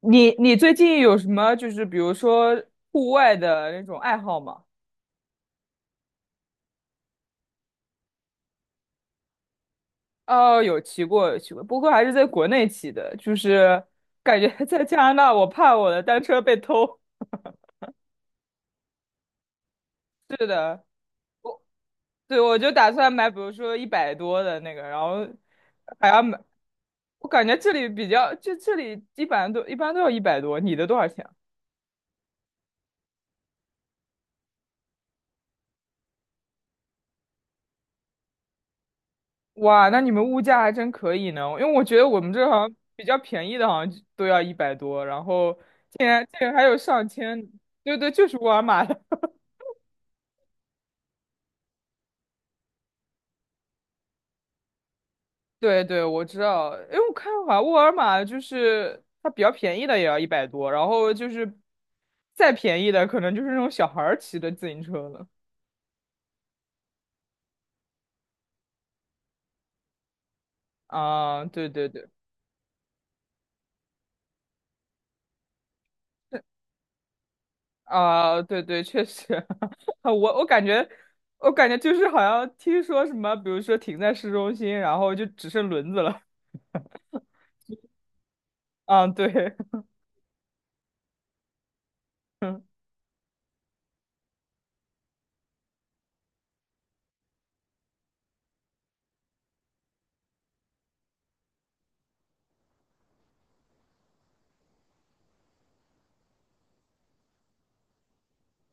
你最近有什么就是比如说户外的那种爱好吗？哦，有骑过，有骑过，不过还是在国内骑的，就是感觉 在加拿大，我怕我的单车被偷。是的，对，我就打算买，比如说一百多的那个，然后还要买。我感觉这里比较，就这里一般都要一百多，你的多少钱啊？哇，那你们物价还真可以呢，因为我觉得我们这好像比较便宜的，好像就都要一百多，然后竟然还有上千，对对，就是沃尔玛的，对对，我知道，因为我看好像沃尔玛就是它比较便宜的也要一百多，然后就是再便宜的可能就是那种小孩儿骑的自行车了啊，对对对啊，对对，确实，我感觉。我感觉就是好像听说什么，比如说停在市中心，然后就只剩轮子了。嗯，对，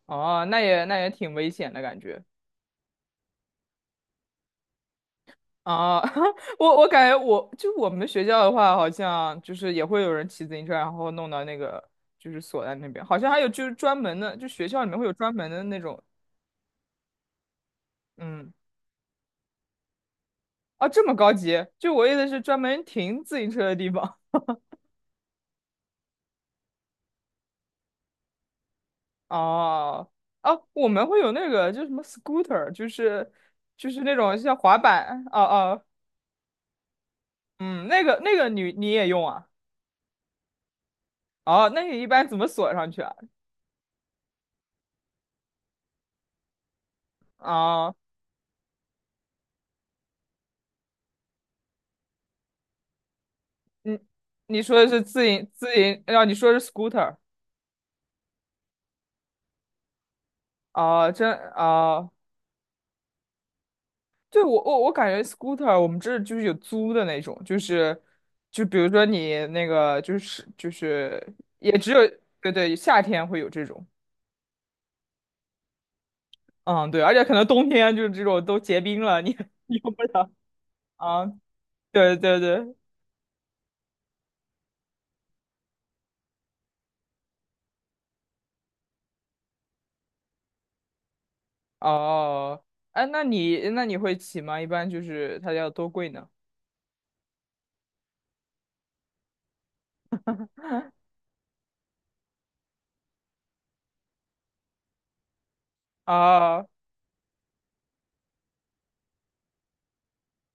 哦，那也挺危险的感觉啊。我感觉我就我们学校的话，好像就是也会有人骑自行车，然后弄到那个就是锁在那边，好像还有就是专门的，就学校里面会有专门的那种，嗯，啊，这么高级？就我意思是专门停自行车的地方。哦，哦，我们会有那个就是什么 scooter，就是那种像滑板，哦哦，嗯，那个你也用啊？哦，那你一般怎么锁上去啊？啊，你你说的是自营，啊，你说的是 scooter 啊，真啊，对我感觉 scooter 我们这儿就是有租的那种，就是就比如说你那个就是也只有对对夏天会有这种，嗯对，而且可能冬天就是这种都结冰了，你 你用不了啊，对对对，哦，哎，那你会骑吗？一般就是它要多贵呢？啊，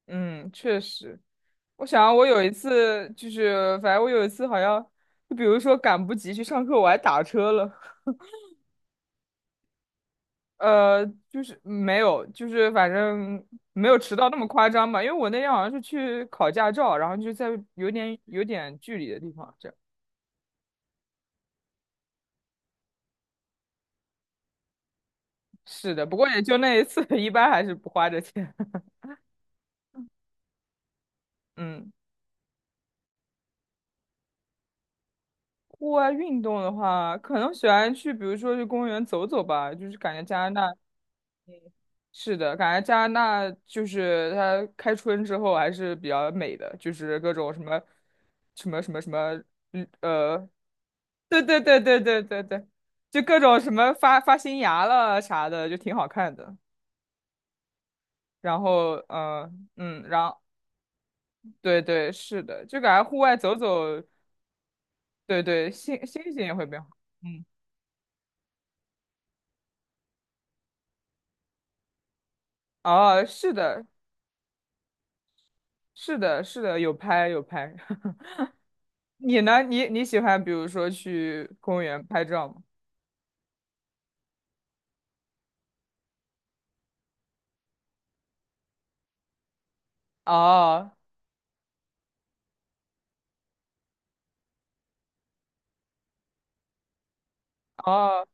嗯，确实。我想我有一次就是，反正我有一次好像，就比如说赶不及去上课，我还打车了。呃，就是没有，就是反正没有迟到那么夸张吧，因为我那天好像是去考驾照，然后就在有点距离的地方这样。是的，不过也就那一次，一般还是不花这钱。嗯，户外运动的话，可能喜欢去，比如说去公园走走吧，就是感觉加拿大。是的，感觉加拿大就是它开春之后还是比较美的，就是各种什么什么什么什么，嗯，对对对对对对对，就各种什么发发新芽了啥的，就挺好看的。然后，嗯、嗯，然后对对是的，就感觉户外走走，对对，心情也会变好。嗯，哦，是的，是的，是的，有拍有拍。你呢？你喜欢比如说去公园拍照吗？哦哦，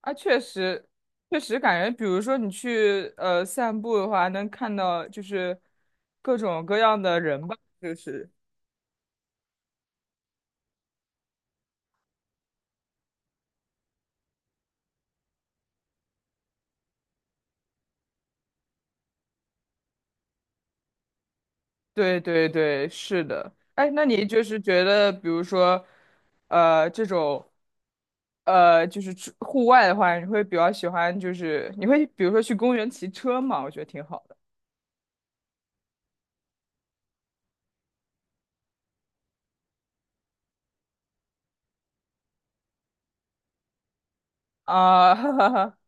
啊，确实，确实感觉，比如说你去散步的话，能看到就是各种各样的人吧，就是，对对对，是的。哎，那你就是觉得，比如说，这种，就是出户外的话，你会比较喜欢，就是你会比如说去公园骑车嘛？我觉得挺好的啊，哈哈哈。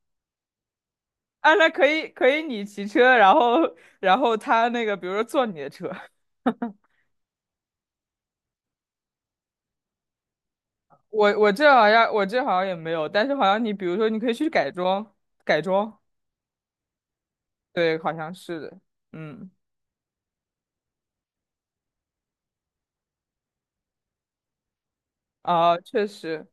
啊，那可以可以，你骑车，然后他那个，比如说坐你的车。我这好像我这好像也没有，但是好像你比如说你可以去改装，改装，对，好像是的，嗯，啊，确实，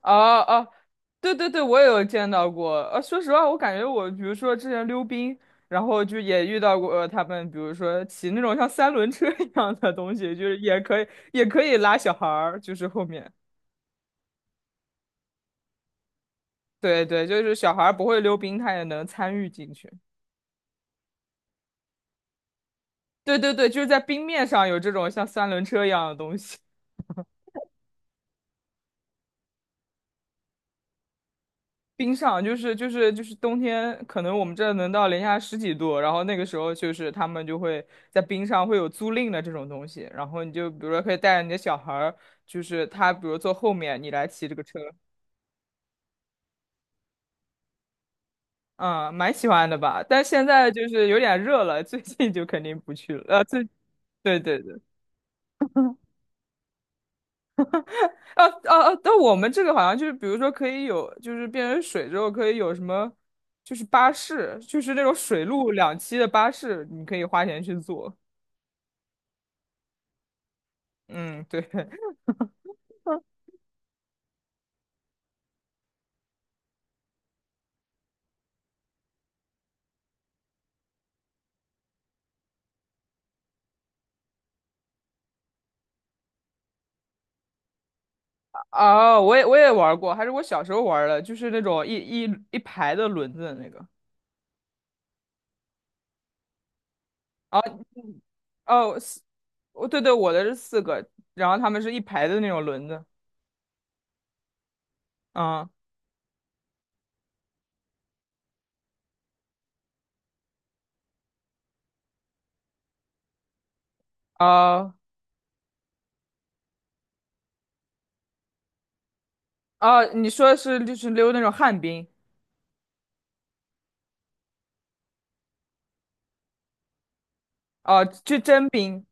啊啊，对对对，我也有见到过。说实话，我感觉我比如说之前溜冰，然后就也遇到过他们，比如说骑那种像三轮车一样的东西，就是也可以拉小孩儿，就是后面，对对，就是小孩儿不会溜冰，他也能参与进去。对对对，就是在冰面上有这种像三轮车一样的东西。冰上就是冬天，可能我们这能到零下10几度，然后那个时候就是他们就会在冰上会有租赁的这种东西，然后你就比如说可以带着你的小孩儿，就是他比如坐后面，你来骑这个车，嗯，蛮喜欢的吧？但现在就是有点热了，最近就肯定不去了，最。对对对，嗯，啊啊啊！但我们这个好像就是，比如说可以有，就是变成水之后可以有什么，就是巴士，就是那种水陆两栖的巴士，你可以花钱去坐。嗯，对，哦，我也玩过，还是我小时候玩的，就是那种一排的轮子的那个。哦哦，四，哦对对，我的是4个，然后他们是一排的那种轮子。嗯，啊啊，你说的是就是溜那种旱冰，哦、就真冰。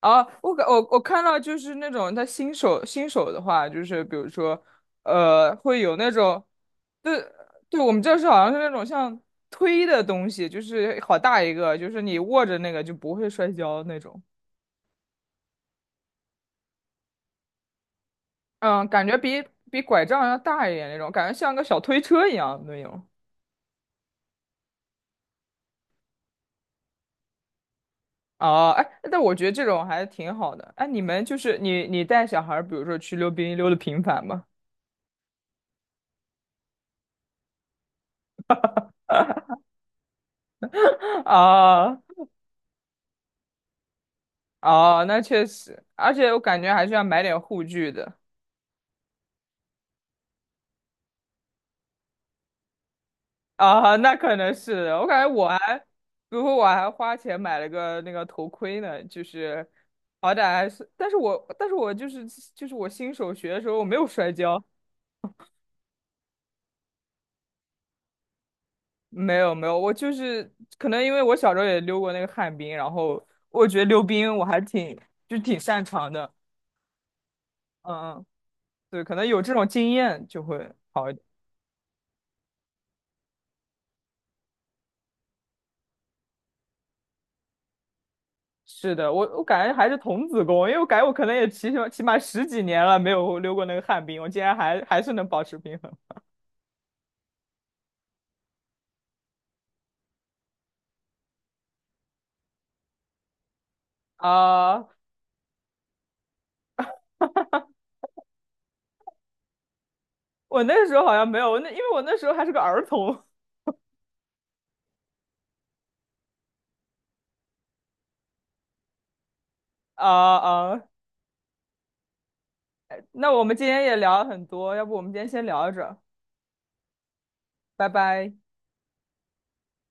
啊，我感我我看到就是那种他新手的话，就是比如说，会有那种。对，对，我们这是好像是那种像推的东西，就是好大一个，就是你握着那个就不会摔跤那种。嗯，感觉比拐杖要大一点那种，感觉像个小推车一样那种。哦，哎，但我觉得这种还挺好的。哎，你们就是你带小孩儿比如说去溜冰溜的频繁吗？啊哦，那确实，而且我感觉还是要买点护具的。啊，那可能是我感觉我还，比如说我还花钱买了个那个头盔呢，就是好歹还是，但是我就是我新手学的时候我没有摔跤，没有，我就是可能因为我小时候也溜过那个旱冰，然后我觉得溜冰我还挺就挺擅长的，嗯嗯，对，可能有这种经验就会好一点。是的，我感觉还是童子功，因为我感觉我可能也起码10几年了没有溜过那个旱冰，我竟然还是能保持平衡。啊，我那时候好像没有，那因为我那时候还是个儿童。啊啊，那我们今天也聊了很多，要不我们今天先聊着，拜拜。